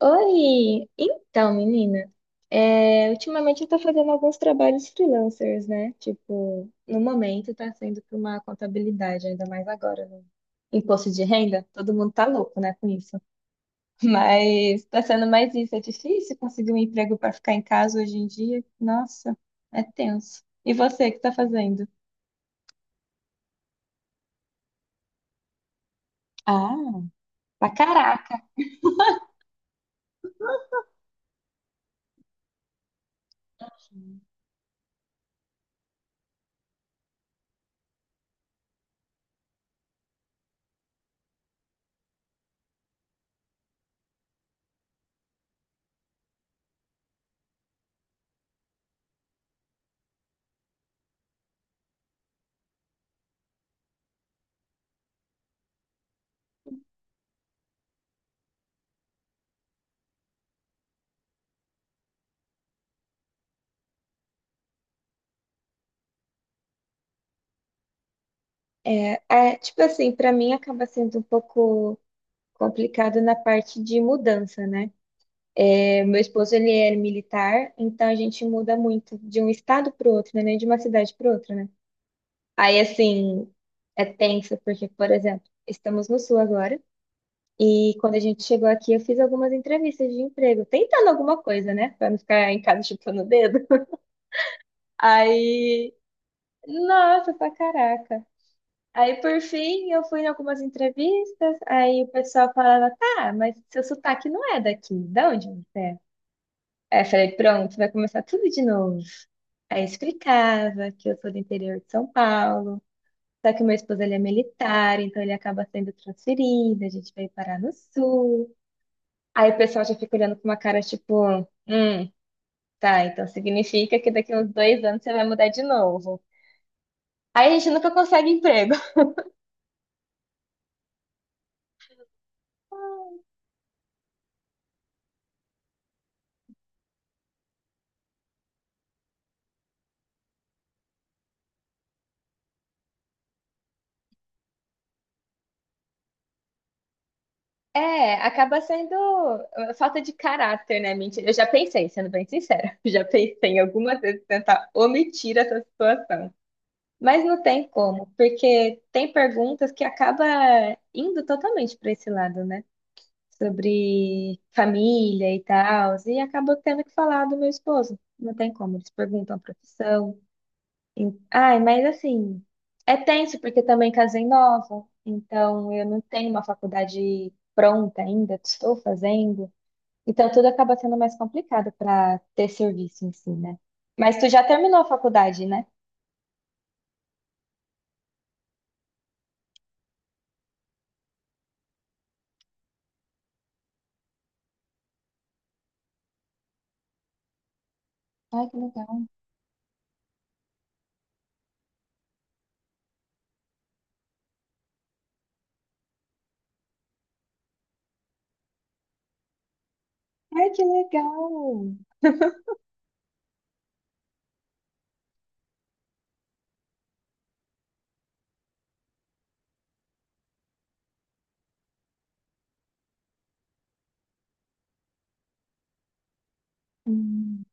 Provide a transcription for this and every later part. Oi! Então, menina, ultimamente eu tô fazendo alguns trabalhos freelancers, né? Tipo, no momento tá sendo para uma contabilidade, ainda mais agora, no imposto de renda. Todo mundo tá louco, né, com isso. Mas tá sendo mais isso. É difícil conseguir um emprego para ficar em casa hoje em dia. Nossa, é tenso. E você, o que tá fazendo? Ah, pra caraca! É, é, tipo assim, pra mim acaba sendo um pouco complicado na parte de mudança, né? É, meu esposo, ele é militar, então a gente muda muito de um estado para o outro, né? Nem de uma cidade para outra, né? Aí, assim, é tenso, porque, por exemplo, estamos no Sul agora, e quando a gente chegou aqui, eu fiz algumas entrevistas de emprego, tentando alguma coisa, né? Pra não ficar em casa chupando o dedo. Aí, nossa, pra caraca. Aí, por fim, eu fui em algumas entrevistas, aí o pessoal falava, tá, mas seu sotaque não é daqui, de onde você é? Aí eu falei, pronto, vai começar tudo de novo. Aí eu explicava que eu sou do interior de São Paulo, só que meu esposo ele é militar, então ele acaba sendo transferido, a gente veio parar no sul. Aí o pessoal já fica olhando com uma cara tipo, tá, então significa que daqui uns 2 anos você vai mudar de novo. Aí a gente nunca consegue emprego. É, acaba sendo falta de caráter, né? Mentira. Eu já pensei, sendo bem sincera, já pensei em algumas vezes tentar omitir essa situação. Mas não tem como, porque tem perguntas que acaba indo totalmente para esse lado, né? Sobre família e tal, e acabo tendo que falar do meu esposo. Não tem como, eles perguntam a profissão. E- Ai, mas assim, é tenso porque também casei nova, então eu não tenho uma faculdade pronta ainda, estou fazendo. Então tudo acaba sendo mais complicado para ter serviço em si, né? Mas tu já terminou a faculdade, né? Ai, que legal. Ai, que legal! Hum,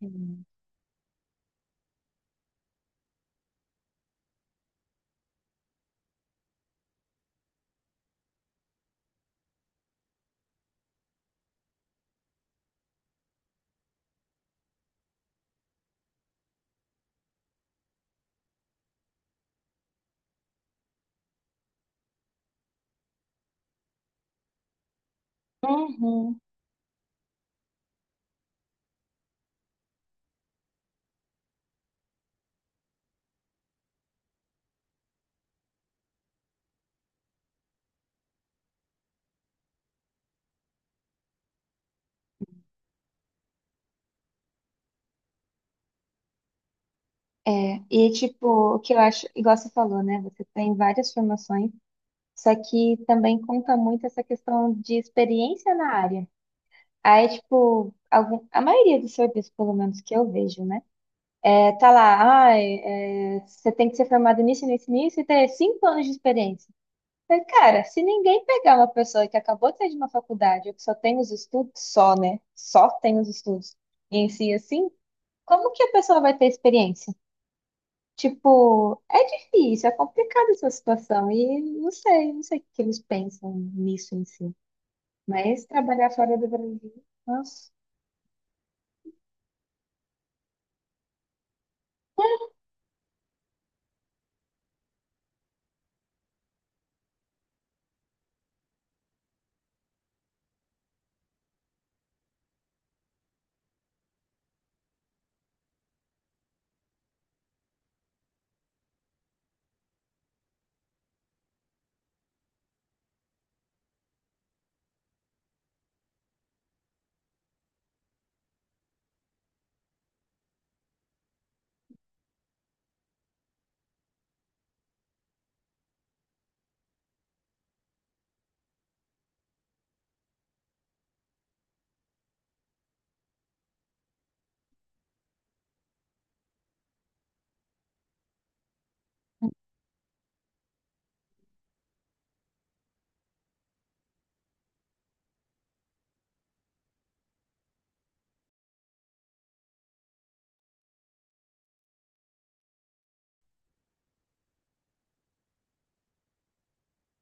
hum. Uhum. É, e tipo, o que eu acho, igual você falou, né? Você tem várias formações, só que também conta muito essa questão de experiência na área. Aí, tipo, a maioria dos serviços, pelo menos que eu vejo, né? É, tá lá, você tem que ser formado nisso, nisso, nisso e ter 5 anos de experiência. Mas, cara, se ninguém pegar uma pessoa que acabou de sair de uma faculdade, ou que só tem os estudos, só, né? Só tem os estudos, e ensina, como que a pessoa vai ter experiência? Tipo, é difícil, é complicada essa situação e não sei o que eles pensam nisso em si. Mas trabalhar fora do Brasil, nossa.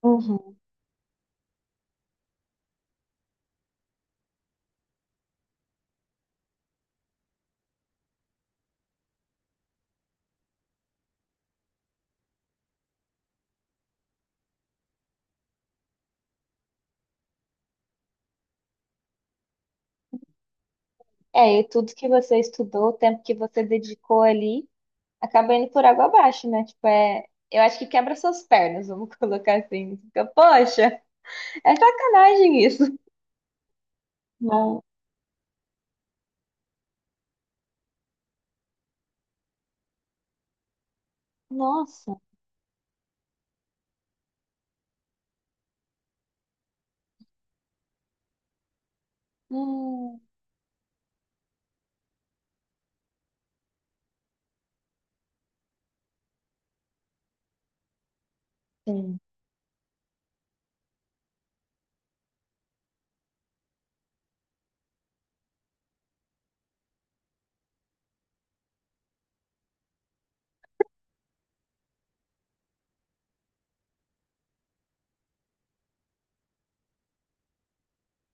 Uhum. É, e tudo que você estudou, o tempo que você dedicou ali, acaba indo por água abaixo, né? Tipo, é, eu acho que quebra suas pernas, vamos colocar assim. Fica, poxa, é sacanagem isso. Não. Nossa. Hum. Sim.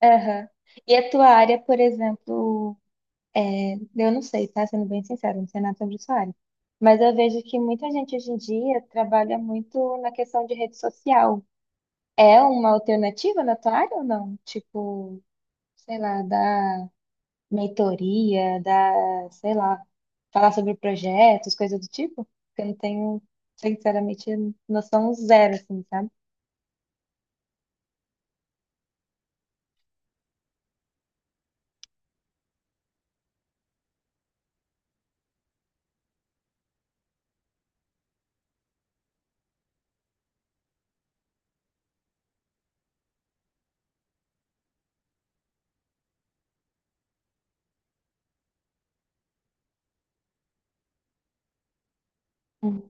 Aham. E a tua área, por exemplo? Eu não sei, tá? Sendo bem sincero, não sei nada sobre essa área. Mas eu vejo que muita gente hoje em dia trabalha muito na questão de rede social. É uma alternativa na tua área ou não? Tipo, sei lá, da mentoria, sei lá, falar sobre projetos, coisa do tipo? Porque eu não tenho, sinceramente, noção zero, assim, sabe? Hum,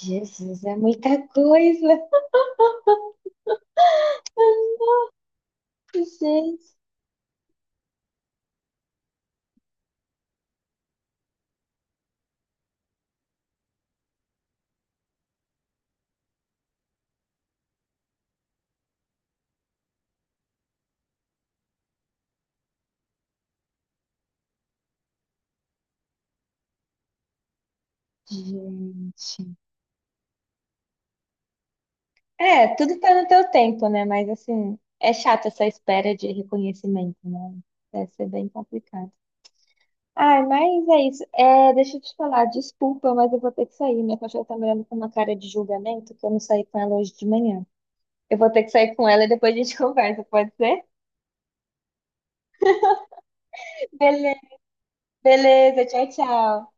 Jesus, é muita coisa, gente. Gente. É, tudo tá no teu tempo, né? Mas assim, é chato essa espera de reconhecimento, né? Deve ser bem complicado. Ai, mas é isso. É, deixa eu te falar, desculpa, mas eu vou ter que sair. Minha cachorra tá me olhando com uma cara de julgamento que eu não saí com ela hoje de manhã. Eu vou ter que sair com ela e depois a gente conversa, pode ser? Beleza. Beleza, tchau, tchau.